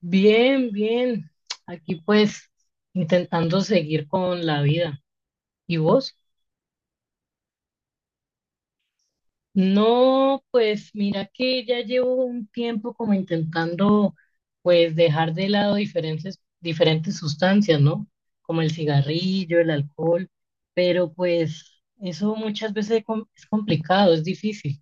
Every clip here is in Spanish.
Bien, bien. Aquí pues intentando seguir con la vida. ¿Y vos? No, pues mira que ya llevo un tiempo como intentando pues dejar de lado diferentes sustancias, ¿no? Como el cigarrillo, el alcohol, pero pues eso muchas veces es complicado, es difícil.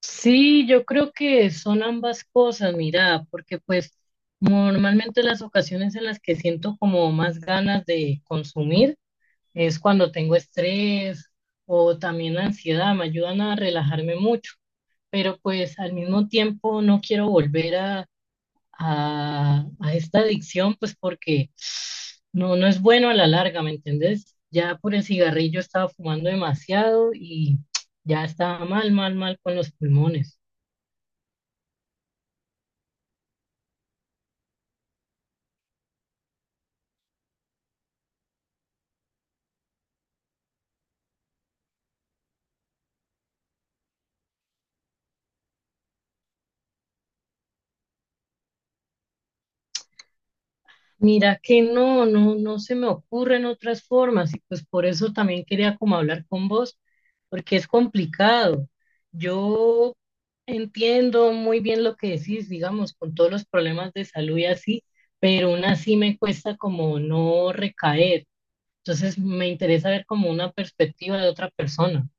Sí, yo creo que son ambas cosas, mira, porque pues normalmente las ocasiones en las que siento como más ganas de consumir es cuando tengo estrés o también ansiedad, me ayudan a relajarme mucho, pero pues al mismo tiempo no quiero volver a esta adicción, pues porque no es bueno a la larga, ¿me entendés? Ya por el cigarrillo estaba fumando demasiado y ya estaba mal, mal, mal con los pulmones. Mira que no se me ocurren otras formas y pues por eso también quería como hablar con vos, porque es complicado. Yo entiendo muy bien lo que decís, digamos, con todos los problemas de salud y así, pero aún así me cuesta como no recaer. Entonces me interesa ver como una perspectiva de otra persona.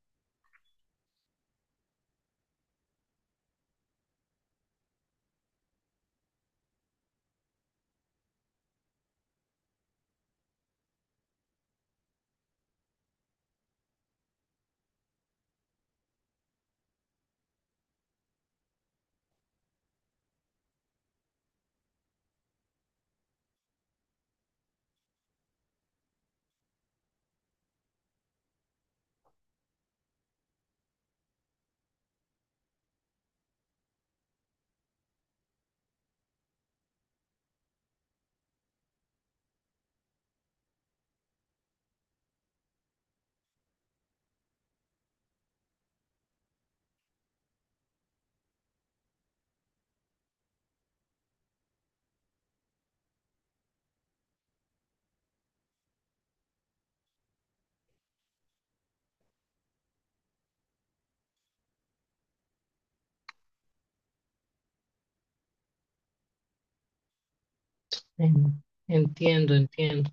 Entiendo, entiendo.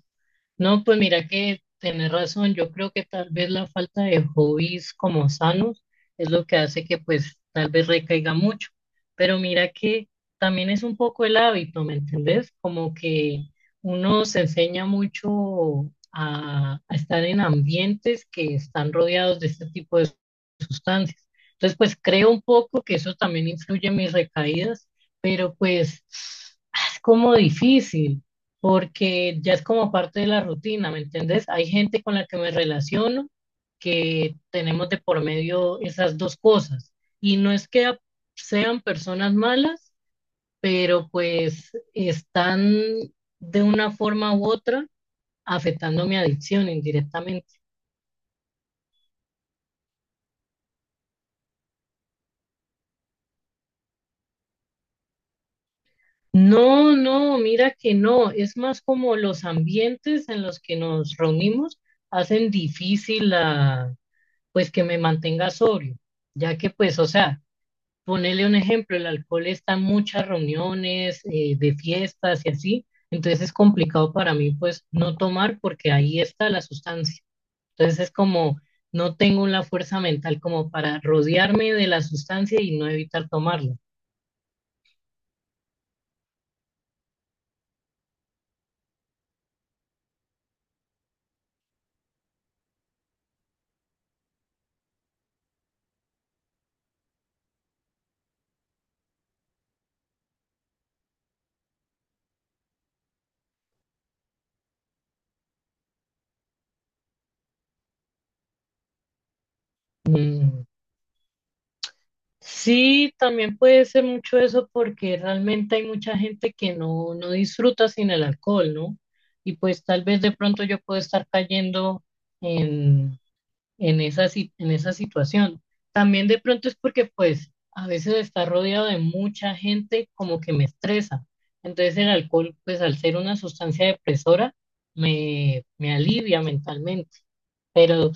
No, pues mira que tenés razón. Yo creo que tal vez la falta de hobbies como sanos es lo que hace que pues tal vez recaiga mucho. Pero mira que también es un poco el hábito, ¿me entendés? Como que uno se enseña mucho a estar en ambientes que están rodeados de este tipo de sustancias. Entonces, pues creo un poco que eso también influye en mis recaídas, pero pues es como difícil porque ya es como parte de la rutina, ¿me entendés? Hay gente con la que me relaciono que tenemos de por medio esas dos cosas. Y no es que sean personas malas, pero pues están de una forma u otra afectando mi adicción indirectamente. No, mira que no, es más como los ambientes en los que nos reunimos hacen difícil la, pues que me mantenga sobrio, ya que pues, o sea, ponerle un ejemplo, el alcohol está en muchas reuniones, de fiestas y así, entonces es complicado para mí pues no tomar porque ahí está la sustancia. Entonces es como no tengo la fuerza mental como para rodearme de la sustancia y no evitar tomarla. Mm, sí, también puede ser mucho eso porque realmente hay mucha gente que no disfruta sin el alcohol, ¿no? Y pues tal vez de pronto yo puedo estar cayendo en, en esa, si- en esa situación. También de pronto es porque pues a veces estar rodeado de mucha gente como que me estresa. Entonces el alcohol pues al ser una sustancia depresora me alivia mentalmente. Pero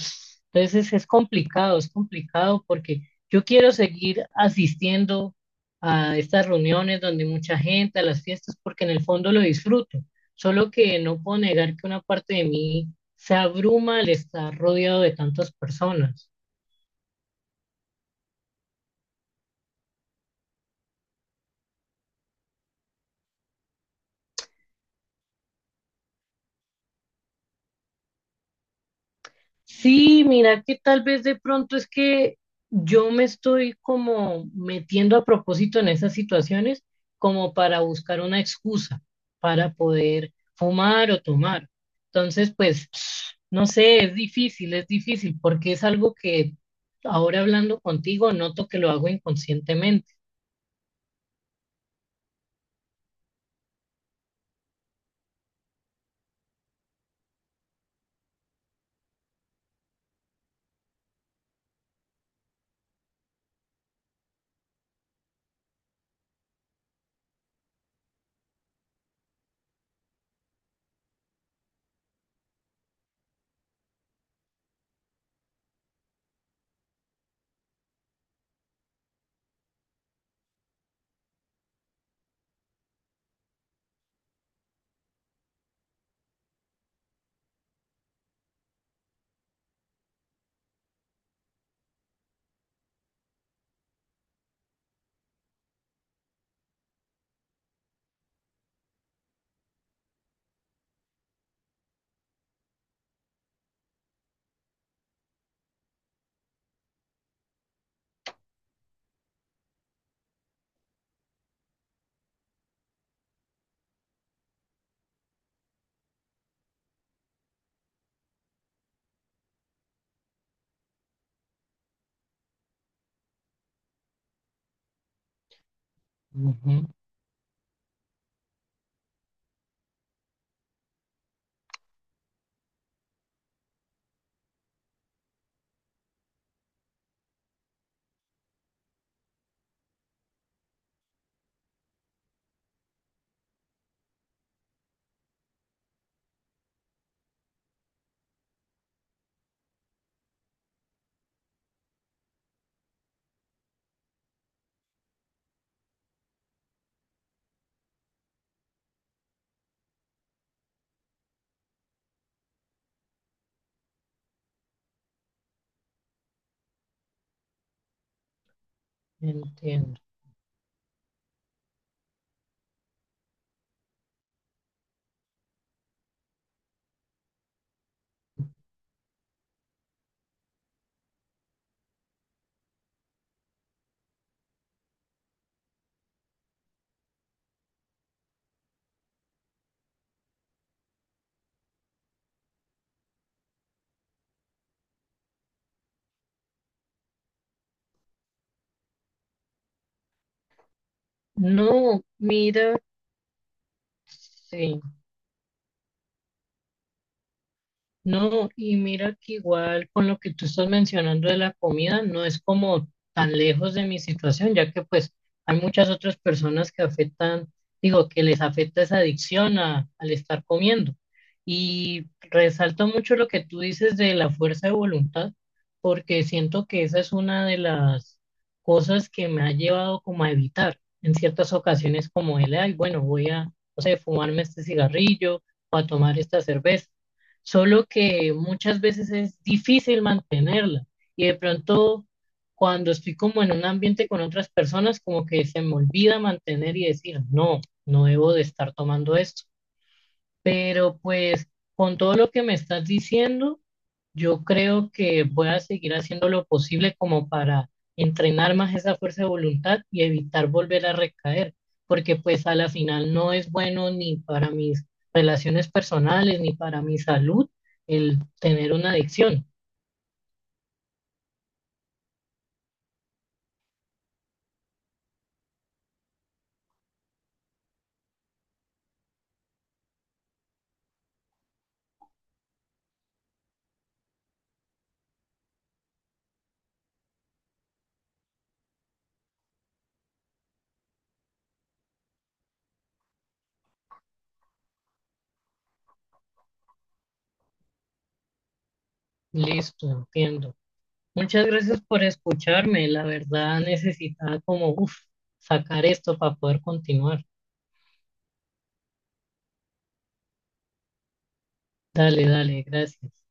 entonces es complicado porque yo quiero seguir asistiendo a estas reuniones donde hay mucha gente, a las fiestas, porque en el fondo lo disfruto. Solo que no puedo negar que una parte de mí se abruma al estar rodeado de tantas personas. Sí, mira que tal vez de pronto es que yo me estoy como metiendo a propósito en esas situaciones como para buscar una excusa para poder fumar o tomar. Entonces, pues, no sé, es difícil porque es algo que ahora hablando contigo noto que lo hago inconscientemente. Ujú, entiendo. No, mira, sí. No, y mira que igual con lo que tú estás mencionando de la comida, no es como tan lejos de mi situación, ya que pues hay muchas otras personas que afectan, digo, que les afecta esa adicción al estar comiendo. Y resalto mucho lo que tú dices de la fuerza de voluntad, porque siento que esa es una de las cosas que me ha llevado como a evitar en ciertas ocasiones como el, ay, bueno, voy a, no sé, fumarme este cigarrillo o a tomar esta cerveza, solo que muchas veces es difícil mantenerla y de pronto cuando estoy como en un ambiente con otras personas, como que se me olvida mantener y decir, no, no debo de estar tomando esto. Pero pues con todo lo que me estás diciendo, yo creo que voy a seguir haciendo lo posible como para entrenar más esa fuerza de voluntad y evitar volver a recaer, porque pues a la final no es bueno ni para mis relaciones personales ni para mi salud el tener una adicción. Listo, entiendo. Muchas gracias por escucharme. La verdad necesitaba como uf, sacar esto para poder continuar. Dale, dale, gracias.